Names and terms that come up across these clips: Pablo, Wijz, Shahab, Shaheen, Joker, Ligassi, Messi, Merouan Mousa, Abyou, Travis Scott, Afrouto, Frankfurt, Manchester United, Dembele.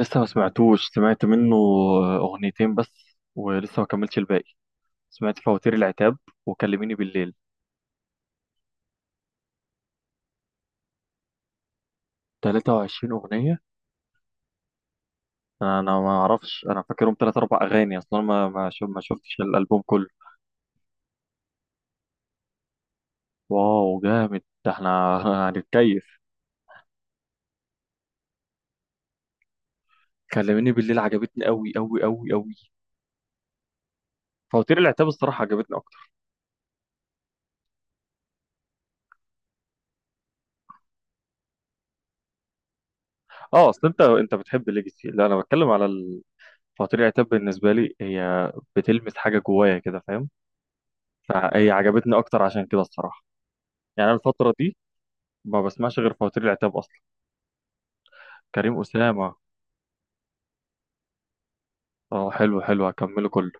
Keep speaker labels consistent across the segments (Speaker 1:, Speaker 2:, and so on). Speaker 1: لسه ما سمعتوش، سمعت منه أغنيتين بس، ولسه ما كملتش الباقي. سمعت فواتير العتاب وكلميني بالليل. 23 أغنية؟ أنا ما أعرفش، أنا فاكرهم تلات أربع أغاني أصلا. ما شفتش الألبوم كله. واو جامد، ده إحنا هنتكيف. كلميني بالليل عجبتني أوي أوي أوي أوي. فواتير العتاب الصراحة عجبتني أكتر. أه، أصل أنت بتحب ليجاسي، لا أنا بتكلم على فواتير العتاب. بالنسبة لي هي بتلمس حاجة جوايا كده، فاهم؟ فهي عجبتني أكتر عشان كده الصراحة. يعني انا الفتره دي ما بسمعش غير فواتير العتاب اصلا. كريم اسامه؟ اه حلو حلو، هكمله كله.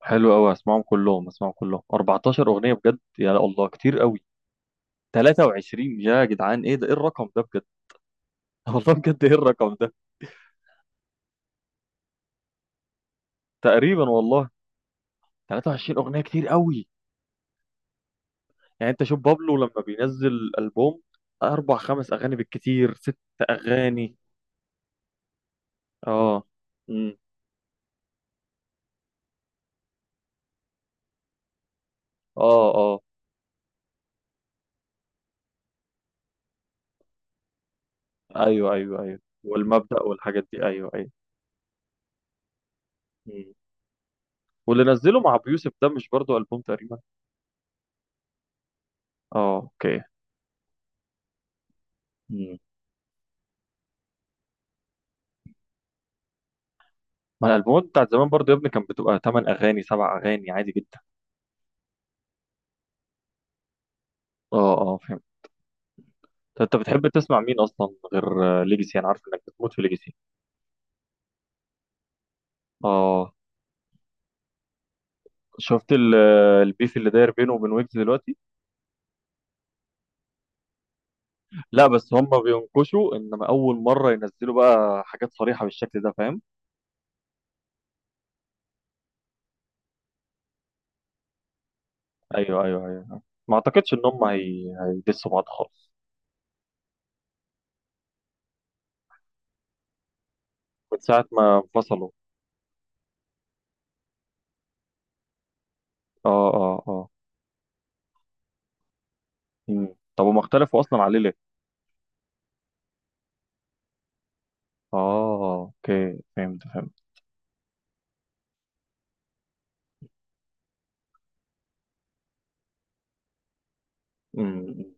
Speaker 1: حلو قوي، اسمعهم كلهم، اسمعهم كلهم. 14 اغنيه بجد، يا الله كتير قوي. 23 يا جدعان، ايه ده؟ ايه الرقم ده بجد؟ والله بجد، ايه الرقم ده؟ تقريبا والله. 23 اغنيه كتير قوي. يعني انت شوف بابلو لما بينزل البوم، اربع خمس اغاني بالكتير ست اغاني. اه. امم اه اه. ايوه ايوه ايوه، والمبدأ والحاجات دي، ايوه ايوه. واللي نزله مع ابو يوسف ده مش برضو البوم تقريبا؟ اه اوكي. مم. ما الالبومات بتاعت زمان برضو يا ابني كانت بتبقى 8 اغاني 7 اغاني عادي جدا. اه اه فهمت. طب انت بتحب تسمع مين اصلا غير ليجاسي؟ انا عارف انك بتموت في ليجاسي. اه. شفت البيف اللي داير بينه وبين ويجز دلوقتي؟ لا بس هم بينكشوا، انما اول مره ينزلوا بقى حاجات صريحه بالشكل ده، فاهم؟ ايوه ايوه ايوه أيوه. ما اعتقدش ان هم هيدسوا بعض خالص. من ساعه ما انفصلوا. اه اه اه. مم. طب هم اختلفوا اصلا عليه ليه؟ اه اوكي، فهمت فهمت. امم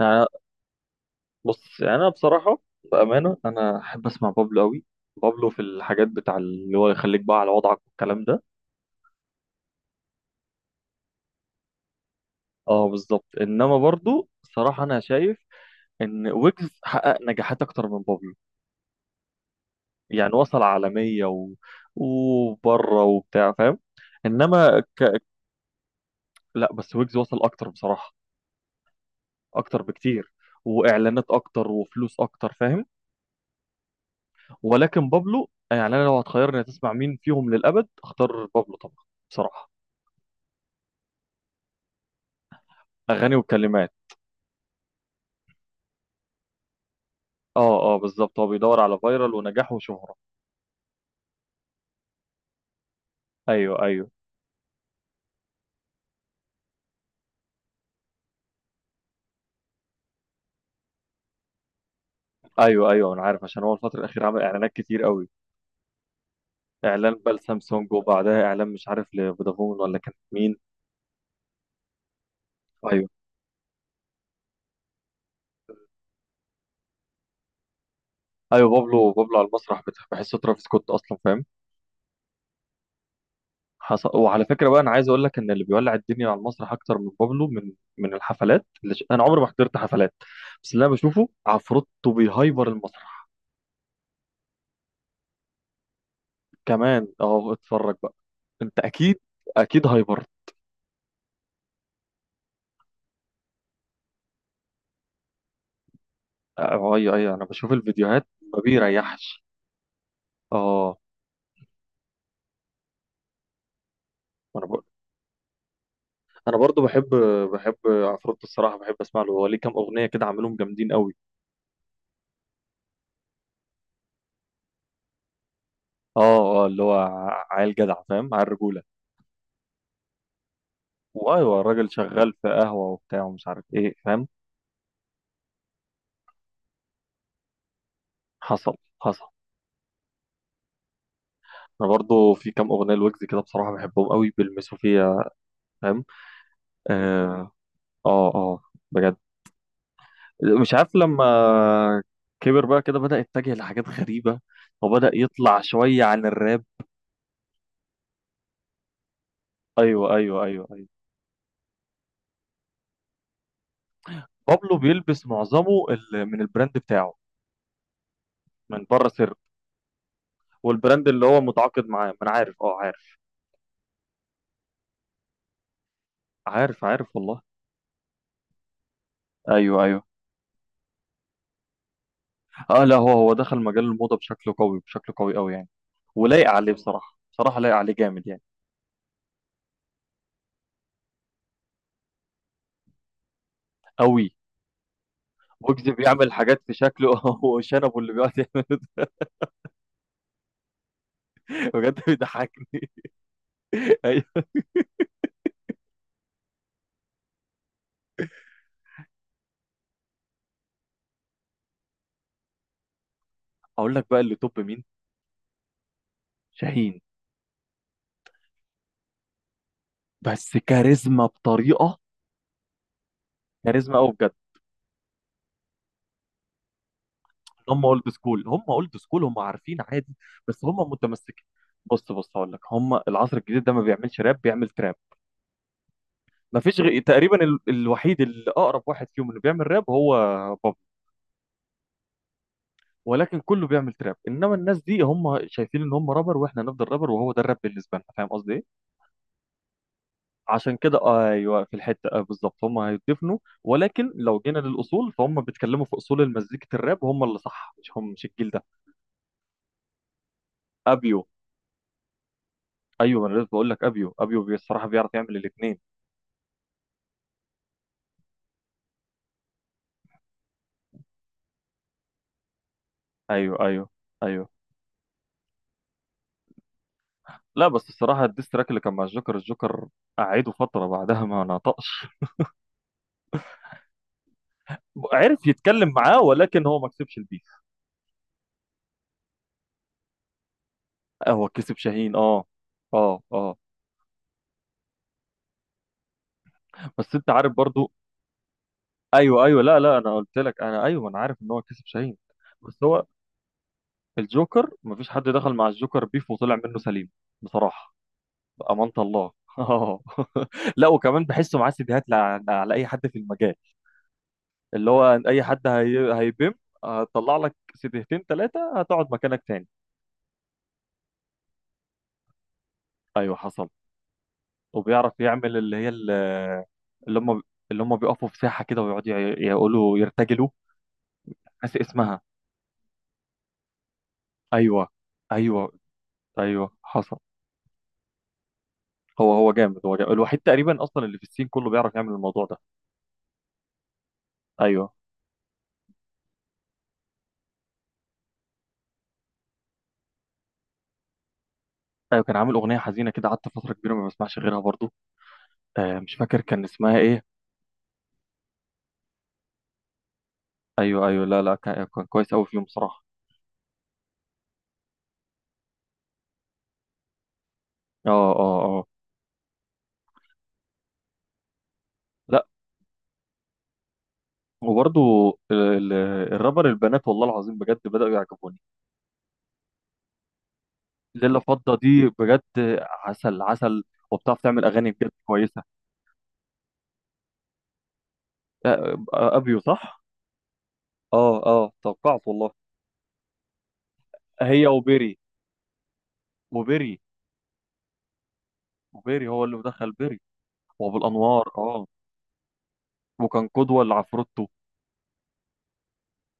Speaker 1: أنا، بص يعني انا بصراحه، بامانه انا احب اسمع بابلو قوي. بابلو في الحاجات بتاع اللي هو يخليك بقى على وضعك والكلام ده. اه بالظبط. انما برضو صراحه انا شايف ان ويجز حقق نجاحات اكتر من بابلو. يعني وصل عالميه وبره وبتاع، فاهم؟ انما لا بس ويجز وصل اكتر بصراحه، اكتر بكتير. واعلانات اكتر وفلوس اكتر، فاهم؟ ولكن بابلو، يعني انا لو هتخيرني تسمع مين فيهم للابد اختار بابلو طبعا بصراحه. اغاني وكلمات. اه اه بالظبط، هو بيدور على فايرال ونجاح وشهره. ايوه ايوه ايوه ايوه، انا عارف عشان هو الفتره الاخيره عمل اعلانات كتير قوي. اعلان بقى لسامسونج، وبعدها اعلان مش عارف لفودافون ولا كان مين. ايوه ايوه. بابلو، بابلو على المسرح، بحسه ترافيس سكوت اصلا، فاهم؟ حصل. وعلى فكره بقى انا عايز اقول لك ان اللي بيولع الدنيا على المسرح اكتر من بابلو، من من الحفلات انا عمري ما حضرت حفلات، بس اللي انا بشوفه عفروتو بيهايبر المسرح. كمان اهو، اتفرج بقى. انت اكيد، اكيد هايبر. اه ايوه ايوه انا بشوف الفيديوهات. ما بيريحش. اه. انا ب... انا برضو بحب، بحب عفروتو الصراحه، بحب اسمع له. هو ليه كام اغنيه كده عاملهم جامدين قوي. اه اه، اللي هو عيل جدع، فاهم؟ عيل رجوله. وايوه الراجل شغال في قهوه وبتاع ومش عارف ايه، فاهم؟ حصل حصل. انا برضو في كام اغنيه لويجز كده بصراحه بحبهم قوي، بيلمسوا فيا، فاهم؟ اه اه بجد. مش عارف لما كبر بقى كده بدأ يتجه لحاجات غريبه، وبدأ يطلع شويه عن الراب. ايوه ايوه ايوه ايوه. بابلو بيلبس معظمه من البراند بتاعه، من بره سر. والبراند اللي هو متعاقد معاه، ما انا عارف، اه عارف عارف عارف والله. ايوه ايوه. اه لا، هو هو دخل مجال الموضه بشكل قوي، بشكل قوي قوي يعني. ولايق عليه بصراحه، بصراحه لايق عليه جامد يعني، قوي. ويجز بيعمل حاجات في شكله هو شنبه اللي بيقعد يعمل ده. بجد بيضحكني. ايوه. اقول لك بقى اللي توب مين؟ شاهين. بس كاريزما بطريقه، كاريزما قوي بجد. هم اولد سكول، هم اولد سكول، هم عارفين عادي. بس هم متمسكين. بص بص هقول لك، هم العصر الجديد ده ما بيعملش راب، بيعمل تراب. ما فيش تقريبا الوحيد اللي اقرب واحد فيهم اللي بيعمل راب هو بابلو. ولكن كله بيعمل تراب، انما الناس دي هم شايفين ان هم رابر، واحنا نفضل رابر وهو ده الراب بالنسبه لنا، فاهم قصدي إيه؟ عشان كده ايوه، في الحته آه بالظبط هم هيدفنوا. ولكن لو جينا للاصول، فهم بيتكلموا في اصول المزيكا، الراب هم اللي صح، مش هم، مش الجيل ده. ابيو. ايوه انا لسه بقول لك، ابيو، الصراحه بيعرف يعمل الاثنين. ايوه ايوه ايوه. لا بس الصراحه الديستراك اللي كان مع الجوكر، الجوكر قعده فتره بعدها ما نطقش. عرف يتكلم معاه، ولكن هو ما كسبش البيف. هو كسب شاهين، اه اه اه. بس انت عارف برضو. ايوه ايوه لا لا، انا قلت لك، انا ايوه انا عارف ان هو كسب شاهين. بس هو، الجوكر مفيش حد دخل مع الجوكر بيف وطلع منه سليم بصراحة. بأمانة الله. اه. لا وكمان بحسه معاه سيديهات على اي حد في المجال، اللي هو اي حد هيبم، هتطلع لك سيديهتين ثلاثة هتقعد مكانك تاني. ايوه حصل. وبيعرف يعمل اللي هي اللي هم، اللي هم بيقفوا في ساحة كده ويقعدوا يقولوا يرتجلوا. ناسي اسمها. ايوه ايوه ايوه حصل. هو هو جامد، هو جامد الوحيد تقريبا اصلا اللي في السين كله بيعرف يعمل الموضوع ده. ايوه ايوه. كان عامل اغنيه حزينه كده، قعدت فتره كبيره ما بسمعش غيرها برضو. آه مش فاكر كان اسمها ايه. ايوه ايوه، لا لا كان كان كويس قوي فيهم بصراحه. اه اه اه. لا، وبرضو الرابر البنات، والله العظيم بجد بداوا يعجبوني. ليلة فضه دي بجد عسل عسل، وبتعرف تعمل اغاني بجد كويسه. آه ابيو، صح. اه اه توقعت والله. هي وبيري، وبيري، وبيري هو اللي مدخل بيري. وابو الانوار، اه. وكان قدوه لعفروتو،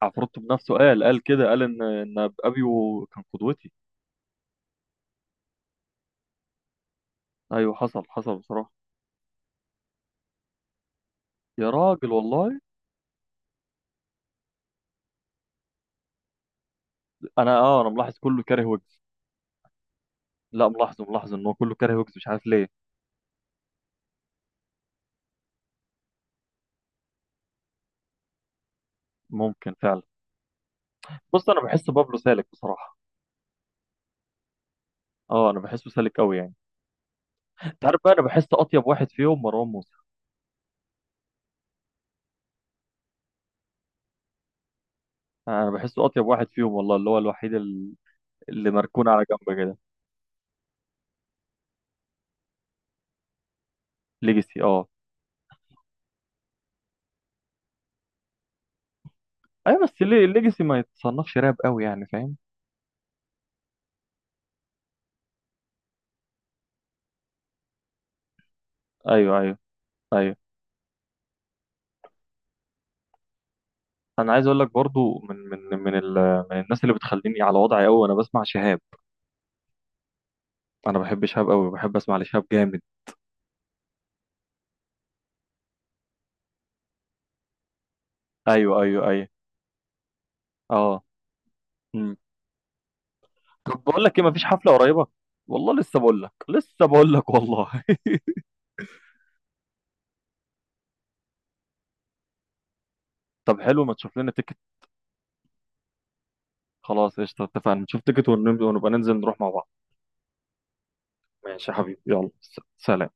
Speaker 1: عفروتو بنفسه قال، قال كده، قال ان ان ابيو كان قدوتي. ايوه حصل حصل بصراحه. يا راجل والله. انا اه انا ملاحظ كله كاره ويجز. لا ملاحظه ملاحظه، ان هو كله كاره ويجز مش عارف ليه. ممكن فعلا. بص انا بحس بابلو سالك بصراحه. اه انا بحسه سالك قوي يعني. انت عارف بقى، انا بحس اطيب واحد فيهم مروان موسى. انا بحسه اطيب واحد فيهم والله، اللي هو الوحيد اللي مركون على جنب كده. ليجاسي، اه ايوه. بس ليه الليجاسي ما يتصنفش راب قوي يعني، فاهم؟ ايوه ايوه ايوه. انا عايز اقول لك برضو، من من الناس اللي بتخليني على وضعي قوي، وانا بسمع شهاب. انا بحب شهاب قوي، بحب اسمع لشهاب، جامد. ايوه ايوه ايوه. اه. مم. طب بقول لك ايه، مفيش حفله قريبه؟ والله لسه بقول لك، لسه بقول لك والله. طب حلو، ما تشوف لنا تيكت. خلاص قشطه، اتفقنا، نشوف تيكت ونبقى، ونبقى ننزل نروح مع بعض. ماشي يا حبيبي، يلا سلام.